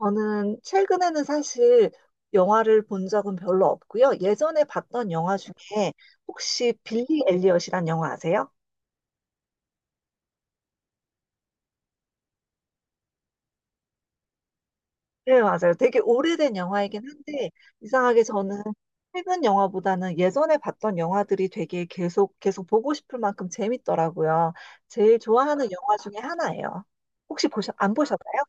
저는 최근에는 사실 영화를 본 적은 별로 없고요. 예전에 봤던 영화 중에 혹시 빌리 엘리엇이란 영화 아세요? 네, 맞아요. 되게 오래된 영화이긴 한데 이상하게 저는 최근 영화보다는 예전에 봤던 영화들이 되게 계속 보고 싶을 만큼 재밌더라고요. 제일 좋아하는 영화 중에 하나예요. 혹시 보셨 안 보셨나요?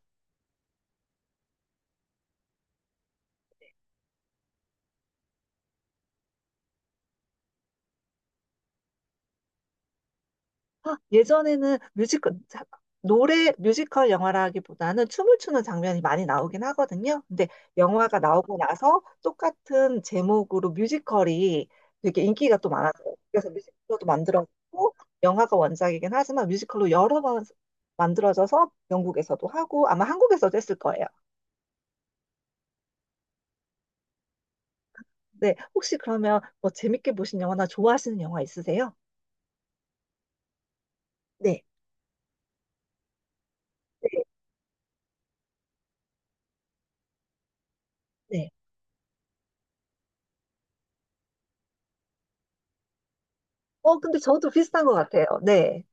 아, 예전에는 뮤지컬, 노래, 뮤지컬 영화라기보다는 춤을 추는 장면이 많이 나오긴 하거든요. 근데 영화가 나오고 나서 똑같은 제목으로 뮤지컬이 되게 인기가 또 많았어요. 그래서 뮤지컬도 만들었고, 영화가 원작이긴 하지만 뮤지컬로 여러 번 만들어져서 영국에서도 하고, 아마 한국에서도 했을 거예요. 네, 혹시 그러면 뭐 재밌게 보신 영화나 좋아하시는 영화 있으세요? 네. 네. 네. 근데 저도 비슷한 것 같아요. 네.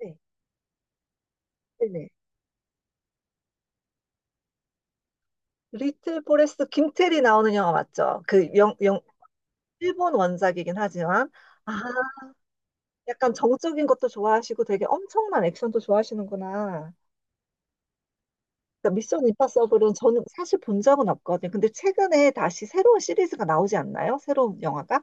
네. 네. 네. 리틀 포레스트 김태리 나오는 영화 맞죠? 그 일본 원작이긴 하지만 아 약간 정적인 것도 좋아하시고 되게 엄청난 액션도 좋아하시는구나. 그러니까 미션 임파서블은 저는 사실 본 적은 없거든요. 근데 최근에 다시 새로운 시리즈가 나오지 않나요? 새로운 영화가?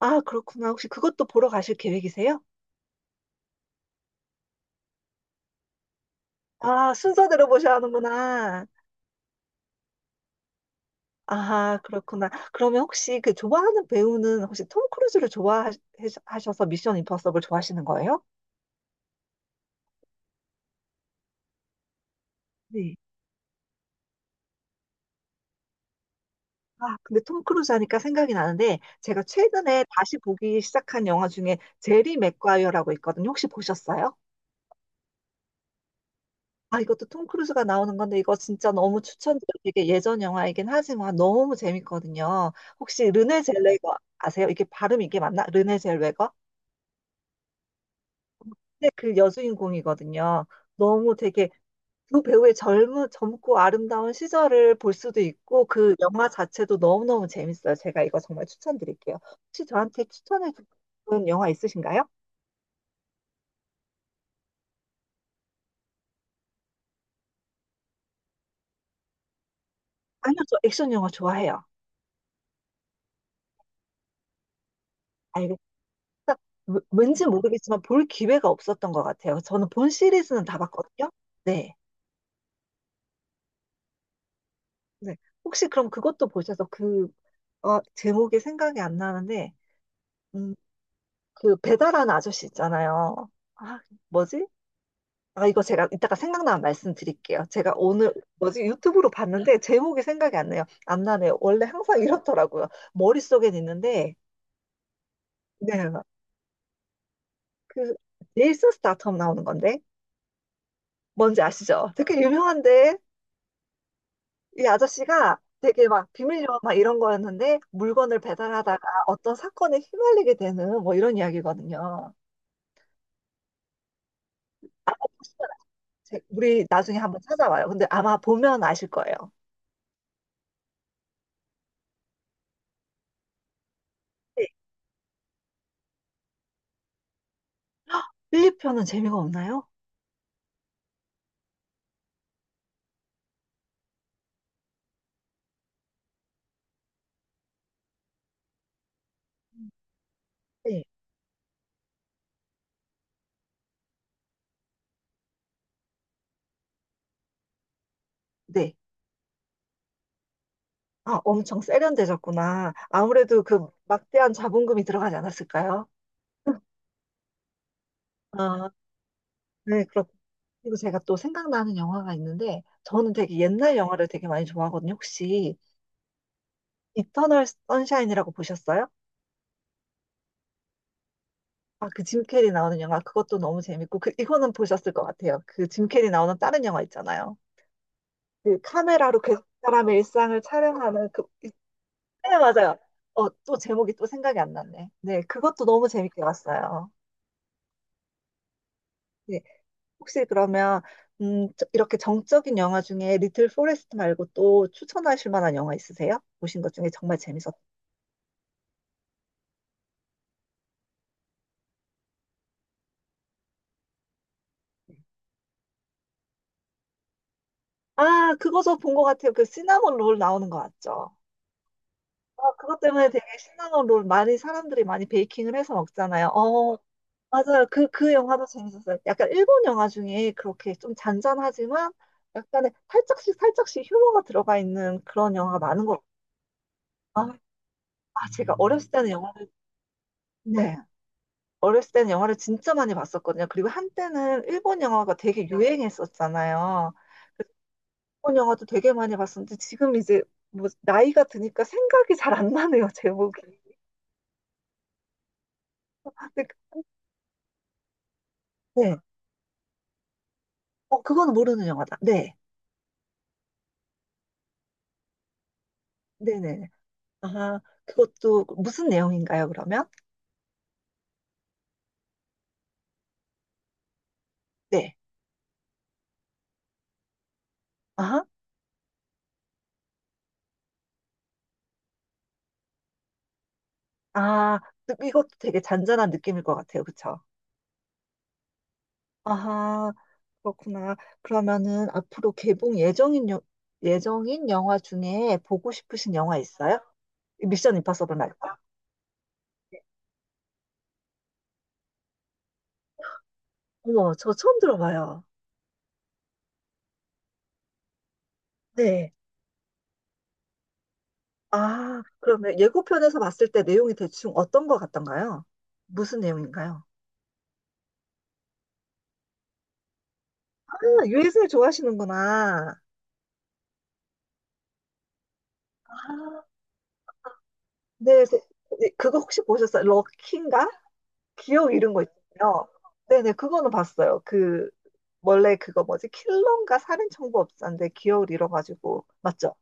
아 그렇구나. 혹시 그것도 보러 가실 계획이세요? 아 순서대로 보셔야 하는구나. 아 그렇구나. 그러면 혹시 그 좋아하는 배우는 혹시 톰 크루즈를 좋아하셔서 미션 임파서블 좋아하시는 거예요? 네. 아, 근데 톰 크루즈 하니까 생각이 나는데 제가 최근에 다시 보기 시작한 영화 중에 제리 맥과이어라고 있거든요. 혹시 보셨어요? 아, 이것도 톰 크루즈가 나오는 건데 이거 진짜 너무 추천드려요. 되게 예전 영화이긴 하지만 너무 재밌거든요. 혹시 르네 젤웨거 아세요? 이게 발음 이게 맞나? 르네 젤웨거? 근데 그 여주인공이거든요. 너무 되게 두 배우의 젊은, 젊고 아름다운 시절을 볼 수도 있고, 그 영화 자체도 너무너무 재밌어요. 제가 이거 정말 추천드릴게요. 혹시 저한테 추천해 주는 영화 있으신가요? 아니요, 저 액션 영화 좋아해요. 알겠어요. 왠지 모르겠지만 볼 기회가 없었던 것 같아요. 저는 본 시리즈는 다 봤거든요. 네. 네. 혹시 그럼 그것도 보셔서 그, 제목이 생각이 안 나는데, 음, 그 배달하는 아저씨 있잖아요. 아, 뭐지? 아, 이거 제가 이따가 생각나면 말씀드릴게요. 제가 오늘 뭐지 유튜브로 봤는데 제목이 생각이 안 나요. 안 나네요. 원래 항상 이렇더라고요. 머릿속엔 있는데, 네, 그 제이슨 스타텀 나오는 건데 뭔지 아시죠? 되게 유명한데 이 아저씨가 되게 막 비밀요원 막 이런 거였는데 물건을 배달하다가 어떤 사건에 휘말리게 되는 뭐 이런 이야기거든요. 아마 보시면 아, 우리 나중에 한번 찾아봐요. 근데 아마 보면 아실 거예요. 네. 1, 2편은 재미가 없나요? 네. 네. 아, 엄청 세련되셨구나. 아무래도 그 막대한 자본금이 들어가지 않았을까요? 아, 네, 그렇고. 그리고 제가 또 생각나는 영화가 있는데, 저는 되게 옛날 영화를 되게 많이 좋아하거든요. 혹시 이터널 선샤인이라고 보셨어요? 아, 그 짐 캐리 나오는 영화, 그것도 너무 재밌고, 그, 이거는 보셨을 것 같아요. 그 짐 캐리 나오는 다른 영화 있잖아요. 그 카메라로 그 사람의 일상을 촬영하는 그, 네, 맞아요. 또 제목이 또 생각이 안 났네. 네, 그것도 너무 재밌게 봤어요. 네. 혹시 그러면 이렇게 정적인 영화 중에 리틀 포레스트 말고 또 추천하실 만한 영화 있으세요? 보신 것 중에 정말 재밌었. 아, 그거 저 본 것 같아요. 그 시나몬 롤 나오는 거 맞죠? 아, 그것 때문에 되게 시나몬 롤 많이 사람들이 많이 베이킹을 해서 먹잖아요. 어, 맞아요. 그 영화도 재밌었어요. 약간 일본 영화 중에 그렇게 좀 잔잔하지만 약간의 살짝씩 휴머가 들어가 있는 그런 영화가 많은 것 같아요. 아, 아, 제가 어렸을 때는 영화를, 네. 어렸을 때는 영화를 진짜 많이 봤었거든요. 그리고 한때는 일본 영화가 되게 유행했었잖아요. 그래서 일본 영화도 되게 많이 봤었는데 지금 이제 뭐 나이가 드니까 생각이 잘 안 나네요, 제목이. 근데 그- 네. 어, 그건 모르는 영화다. 네. 네네. 아, 그것도 무슨 내용인가요, 그러면? 네. 아하. 아, 이것도 되게 잔잔한 느낌일 것 같아요. 그쵸? 아하. 그렇구나. 그러면은 앞으로 개봉 예정인, 예정인 영화 중에 보고 싶으신 영화 있어요? 미션 임파서블 말고. 네. 어머, 저 처음 들어봐요. 네. 아, 그러면 예고편에서 봤을 때 내용이 대충 어떤 것 같던가요? 무슨 내용인가요? 아, 유해승 좋아하시는구나. 아, 네, 네, 그거 혹시 보셨어요? 럭키인가? 기억 잃은 거 있잖아요. 네네, 그거는 봤어요. 그 원래 그거 뭐지? 킬러인가 살인청부업자인데 기억을 잃어가지고 맞죠?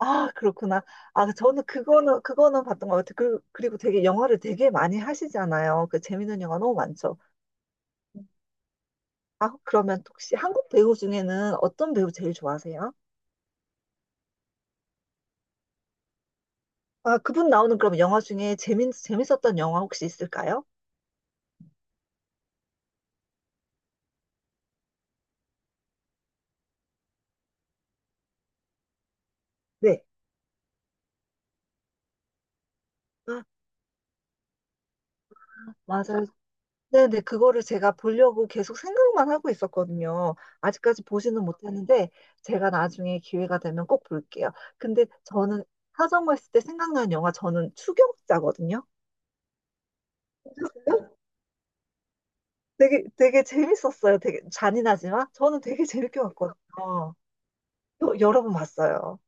아 그렇구나. 아 저는 그거는 봤던 것 같아요. 그, 그리고 되게 영화를 되게 많이 하시잖아요. 그 재밌는 영화 너무 많죠. 아 그러면 혹시 한국 배우 중에는 어떤 배우 제일 좋아하세요? 아 그분 나오는 그럼 영화 중에 재밌었던 영화 혹시 있을까요? 네. 아 맞아요. 네네, 그거를 제가 보려고 계속 생각만 하고 있었거든요. 아직까지 보지는 못했는데, 제가 나중에 기회가 되면 꼭 볼게요. 근데 저는 하정우했을 때 생각나는 영화, 저는 추격자거든요. 되게 재밌었어요. 되게 잔인하지만, 저는 되게 재밌게 봤거든요. 여러 번 봤어요.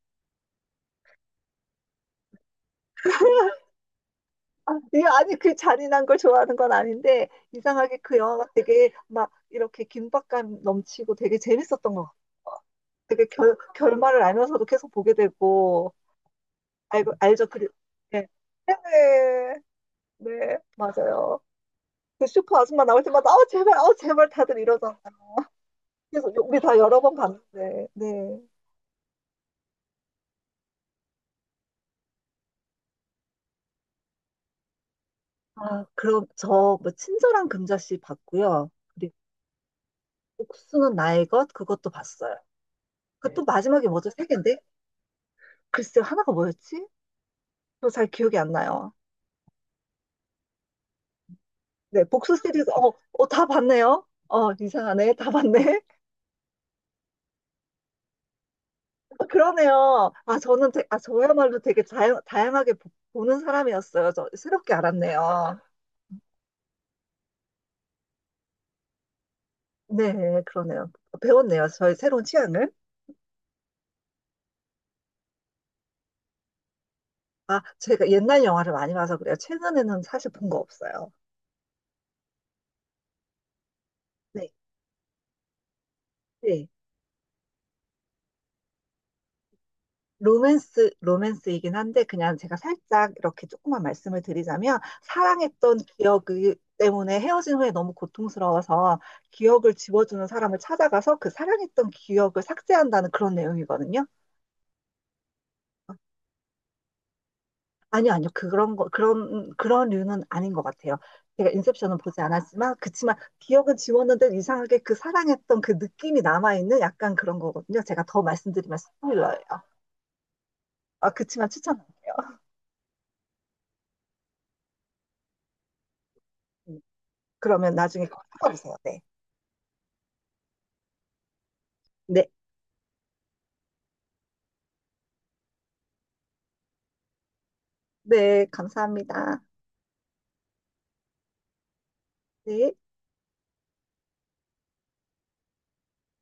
아, 예, 아니, 그 잔인한 걸 좋아하는 건 아닌데, 이상하게 그 영화가 되게 막 이렇게 긴박감 넘치고 되게 재밌었던 것 같아요. 되게 결말을 알면서도 계속 보게 되고, 알고, 알죠. 그, 네. 네네. 네, 맞아요. 그 슈퍼 아줌마 나올 때마다, 제발, 제발 다들 이러잖아. 그래서 우리 다 여러 번 봤는데, 네. 아, 그럼 저 뭐 친절한 금자씨 봤고요. 그리고 복수는 나의 것 그것도 봤어요. 그 네. 또 마지막에 뭐죠? 세 개인데? 글쎄요, 하나가 뭐였지? 저 잘 기억이 안 나요. 네, 복수 시리즈, 다 봤네요. 이상하네. 다 봤네. 아, 그러네요. 아, 저는, 아, 저야말로 되게 다양하게 보는 사람이었어요. 저 새롭게 알았네요. 네, 그러네요. 배웠네요. 저의 새로운 취향을. 아, 제가 옛날 영화를 많이 봐서 그래요. 최근에는 사실 본 거 없어요. 네, 네. 로맨스이긴 한데, 그냥 제가 살짝 이렇게 조금만 말씀을 드리자면, 사랑했던 기억 때문에 헤어진 후에 너무 고통스러워서 기억을 지워주는 사람을 찾아가서 그 사랑했던 기억을 삭제한다는 그런 내용이거든요. 아니요, 아니요. 그런 류는 아닌 것 같아요. 제가 인셉션은 보지 않았지만, 그치만 기억은 지웠는데 이상하게 그 사랑했던 그 느낌이 남아있는 약간 그런 거거든요. 제가 더 말씀드리면 스포일러예요. 아, 그치만 추천할게요. 음, 그러면 나중에 꼭 찾아보세요. 네. 네. 네. 감사합니다. 네.